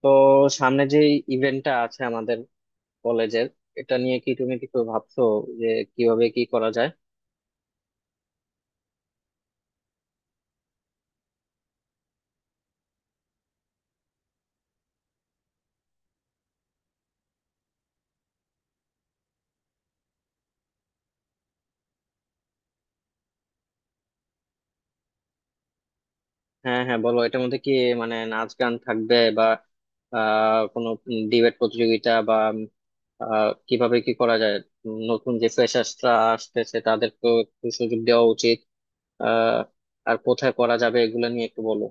তো সামনে যে ইভেন্টটা আছে আমাদের কলেজের, এটা নিয়ে কি তুমি কিছু ভাবছো যে কিভাবে কি করা যায়? হ্যাঁ হ্যাঁ বলো, এটার মধ্যে কি মানে নাচ গান থাকবে, বা কোনো ডিবেট প্রতিযোগিতা, বা কিভাবে কি করা যায়? নতুন যে ফ্রেশার্সরা আসতেছে তাদেরকেও একটু সুযোগ দেওয়া উচিত। আহ আর কোথায় করা যাবে এগুলো নিয়ে একটু বলো।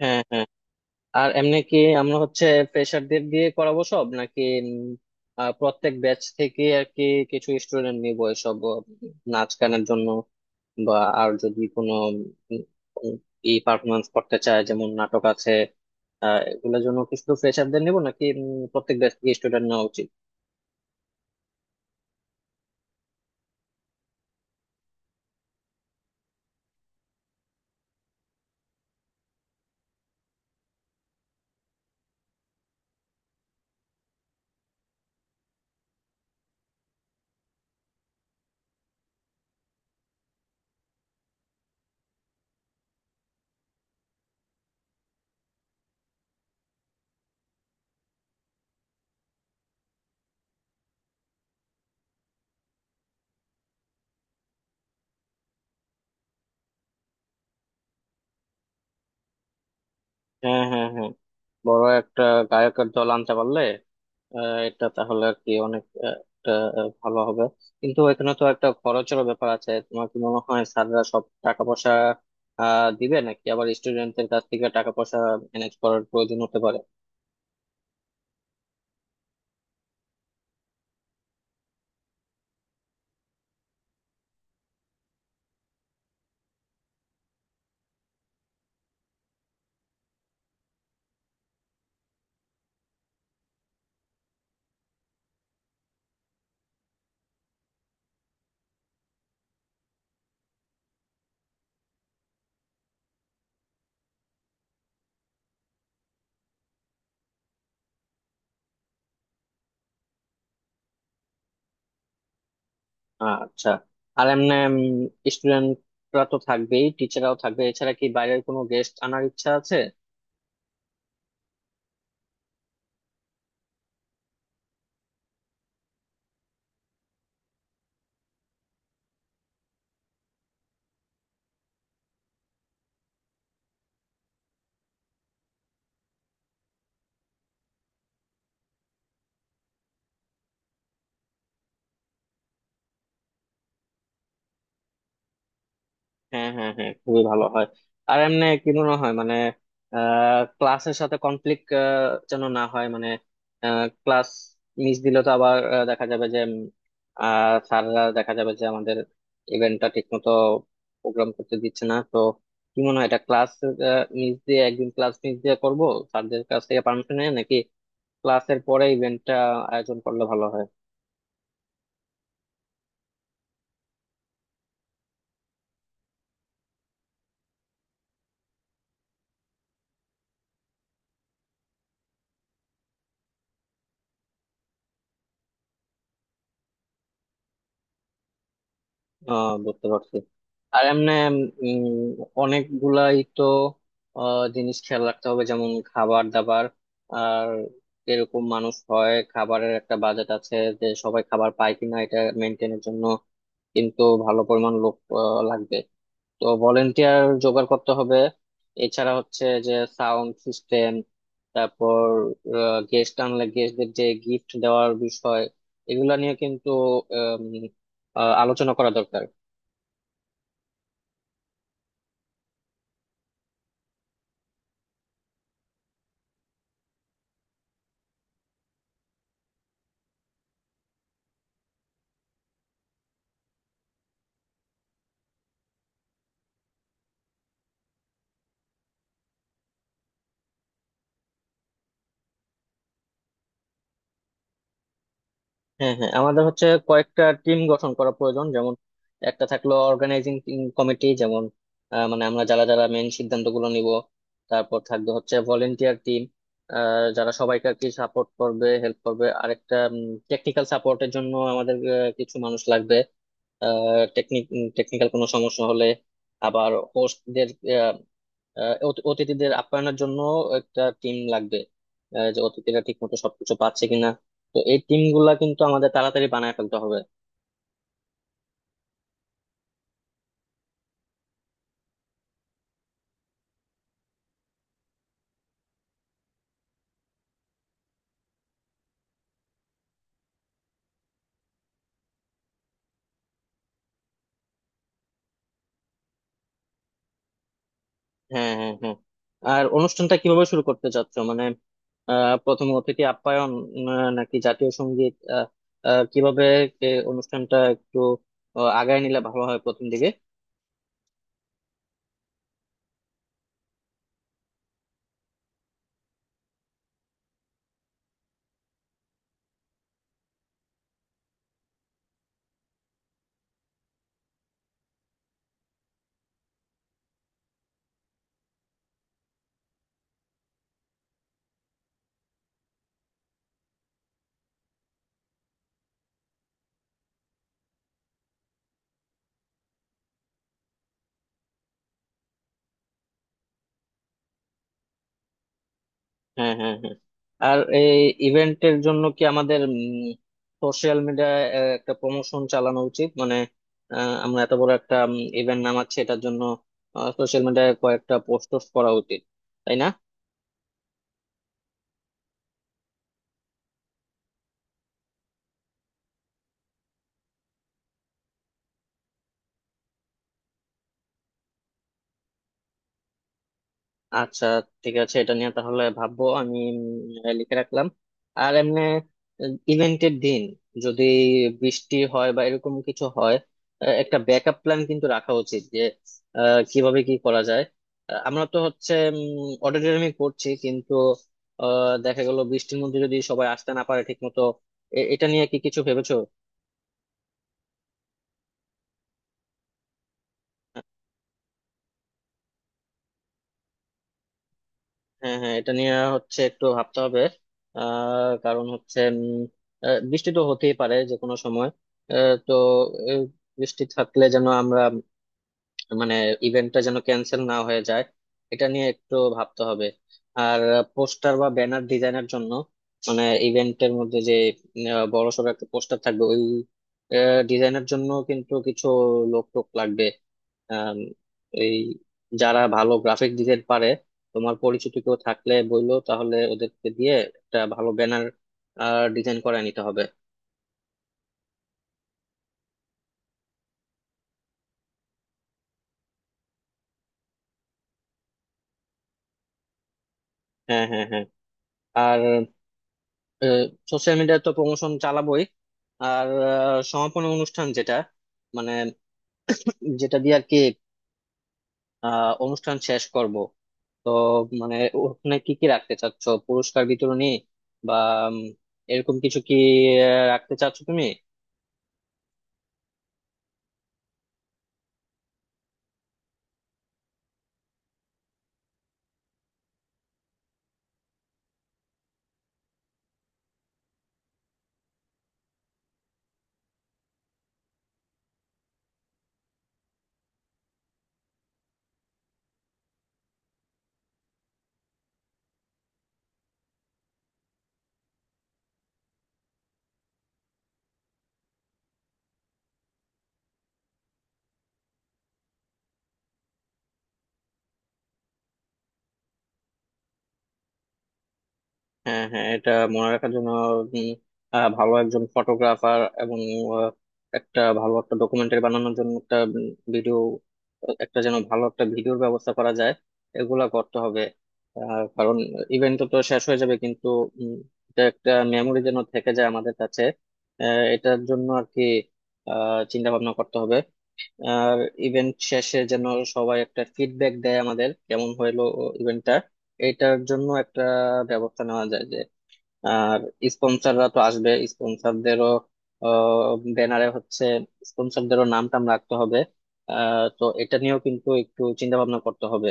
হ্যাঁ হ্যাঁ। আর এমনি কি আমরা হচ্ছে ফ্রেশারদের দিয়ে করাবো সব, নাকি প্রত্যেক ব্যাচ থেকে আর কি কিছু স্টুডেন্ট নিবো এসব নাচ গানের জন্য, বা আর যদি কোনো ই পারফরমেন্স করতে চায় যেমন নাটক আছে এগুলোর জন্য? কি শুধু ফ্রেশারদের নিবো নাকি প্রত্যেক ব্যাচ থেকে স্টুডেন্ট নেওয়া উচিত? হ্যাঁ হ্যাঁ হ্যাঁ, বড় একটা গায়কের দল আনতে পারলে এটা তাহলে আর কি অনেক, একটা, ভালো হবে। কিন্তু এখানে তো একটা খরচেরও ব্যাপার আছে। তোমার কি মনে হয় স্যাররা সব টাকা পয়সা দিবে, নাকি আবার স্টুডেন্টদের কাছ থেকে টাকা পয়সা ম্যানেজ করার প্রয়োজন হতে পারে? আচ্ছা। আর এমনি স্টুডেন্টরা তো থাকবেই, টিচাররাও থাকবে, এছাড়া কি বাইরের কোনো গেস্ট আনার ইচ্ছা আছে? হ্যাঁ হ্যাঁ হ্যাঁ, খুবই ভালো হয়। আর এমনি কি মনে হয় মানে ক্লাসের সাথে কনফ্লিক্ট যেন না হয়। মানে ক্লাস মিস দিলে তো আবার দেখা যাবে যে স্যাররা দেখা যাবে যে আমাদের ইভেন্টটা ঠিক মতো প্রোগ্রাম করতে দিচ্ছে না। তো কি মনে হয়, এটা ক্লাস মিস দিয়ে, একদিন ক্লাস মিস দিয়ে করবো স্যারদের কাছ থেকে পারমিশন নিয়ে, নাকি ক্লাসের পরে ইভেন্টটা আয়োজন করলে ভালো হয়? বুঝতে পারছি। আর এমনি উম অনেকগুলাই তো জিনিস খেয়াল রাখতে হবে, যেমন খাবার দাবার। আর এরকম মানুষ হয়, খাবারের একটা বাজেট আছে, যে সবাই খাবার পায় কিনা এটা মেনটেনের জন্য কিন্তু ভালো পরিমাণ লোক লাগবে। তো ভলেন্টিয়ার জোগাড় করতে হবে। এছাড়া হচ্ছে যে সাউন্ড সিস্টেম, তারপর গেস্ট আনলে গেস্টদের যে গিফট দেওয়ার বিষয়, এগুলা নিয়ে কিন্তু আম, আলোচনা করা দরকার। হ্যাঁ হ্যাঁ, আমাদের হচ্ছে কয়েকটা টিম গঠন করা প্রয়োজন। যেমন একটা থাকলো অর্গানাইজিং কমিটি, যেমন মানে আমরা যারা যারা মেন সিদ্ধান্তগুলো নিব। তারপর থাকবে হচ্ছে ভলেন্টিয়ার টিম যারা সবাইকে আর কি সাপোর্ট করবে, হেল্প করবে। আরেকটা টেকনিক্যাল সাপোর্টের জন্য আমাদের কিছু মানুষ লাগবে টেকনিক টেকনিক্যাল কোনো সমস্যা হলে। আবার হোস্টদের, অতিথিদের আপ্যায়নের জন্য একটা টিম লাগবে, যে অতিথিরা ঠিক মতো সবকিছু পাচ্ছে কিনা। তো এই টিম গুলা কিন্তু আমাদের তাড়াতাড়ি বানায় ফেলতে হবে। হ্যাঁ হ্যাঁ হ্যাঁ। আর অনুষ্ঠানটা কিভাবে শুরু করতে চাচ্ছ মানে প্রথম অতিথি আপ্যায়ন, নাকি জাতীয় সঙ্গীত, আহ আহ, কিভাবে অনুষ্ঠানটা একটু আগায় নিলে ভালো হয় প্রথম দিকে? হ্যাঁ হ্যাঁ হ্যাঁ। আর এই ইভেন্টের জন্য কি আমাদের সোশ্যাল মিডিয়ায় একটা প্রমোশন চালানো উচিত? মানে আমরা এত বড় একটা ইভেন্ট নামাচ্ছি, এটার জন্য সোশ্যাল মিডিয়ায় কয়েকটা পোস্ট টোস্ট করা উচিত, তাই না? আচ্ছা ঠিক আছে, এটা নিয়ে তাহলে ভাববো আমি। লিখে রাখলাম। আর এমনি ইভেন্টের দিন যদি বৃষ্টি হয় বা এরকম কিছু হয়, একটা ব্যাকআপ প্ল্যান কিন্তু রাখা উচিত যে কিভাবে কি করা যায়। আমরা তো হচ্ছে অডিটোরিয়ামে করছি, কিন্তু দেখা গেল বৃষ্টির মধ্যে যদি সবাই আসতে না পারে ঠিক মতো। এটা নিয়ে কি কিছু ভেবেছো? হ্যাঁ হ্যাঁ, এটা নিয়ে হচ্ছে একটু ভাবতে হবে। কারণ হচ্ছে বৃষ্টি তো হতেই পারে যে কোনো সময়। তো আহ, বৃষ্টি থাকলে যেন আমরা মানে ইভেন্টটা যেন ক্যান্সেল না হয়ে যায়, এটা নিয়ে একটু ভাবতে হবে। আর পোস্টার বা ব্যানার ডিজাইনের জন্য মানে ইভেন্টের মধ্যে যে বড় সড়ো একটা পোস্টার থাকবে, ওই ডিজাইনের জন্য কিন্তু কিছু লোক টোক লাগবে। আম, এই যারা ভালো গ্রাফিক ডিজাইন পারে তোমার পরিচিত কেউ থাকলে বললো, তাহলে ওদেরকে দিয়ে একটা ভালো ব্যানার ডিজাইন করে নিতে হবে। হ্যাঁ হ্যাঁ হ্যাঁ। আর সোশ্যাল মিডিয়ায় তো প্রমোশন চালাবোই। আর সমাপনী অনুষ্ঠান যেটা মানে যেটা দিয়ে আর কি অনুষ্ঠান শেষ করব, তো মানে ওখানে কি কি রাখতে চাচ্ছ? পুরস্কার বিতরণী বা উম, এরকম কিছু কি রাখতে চাচ্ছ তুমি? হ্যাঁ হ্যাঁ, এটা মনে রাখার জন্য উম, ভালো একজন ফটোগ্রাফার এবং আহ, একটা ভালো একটা ডকুমেন্টারি বানানোর জন্য একটা ভিডিও, একটা যেন ভালো একটা ভিডিওর ব্যবস্থা করা যায়, এগুলা করতে হবে। কারণ ইভেন্ট তো তো শেষ হয়ে যাবে, কিন্তু উম, এটা একটা মেমোরি যেন থেকে যায় আমাদের কাছে। এটার জন্য আর কি চিন্তা ভাবনা করতে হবে। আর ইভেন্ট শেষে যেন সবাই একটা ফিডব্যাক দেয় আমাদের কেমন হইলো ইভেন্টটা, এটার জন্য একটা ব্যবস্থা নেওয়া যায় যে। আর স্পন্সররা তো আসবে, স্পন্সরদেরও ব্যানারে হচ্ছে স্পন্সরদেরও নাম টাম রাখতে হবে। তো এটা নিয়েও কিন্তু একটু চিন্তা ভাবনা করতে হবে।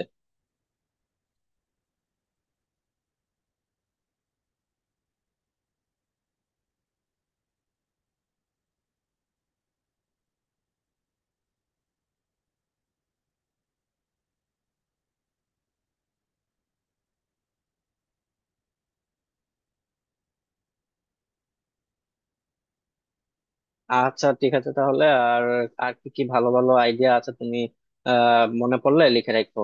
আচ্ছা ঠিক আছে তাহলে। আর আর কি কি ভালো ভালো আইডিয়া আছে তুমি মনে পড়লে লিখে রাখো।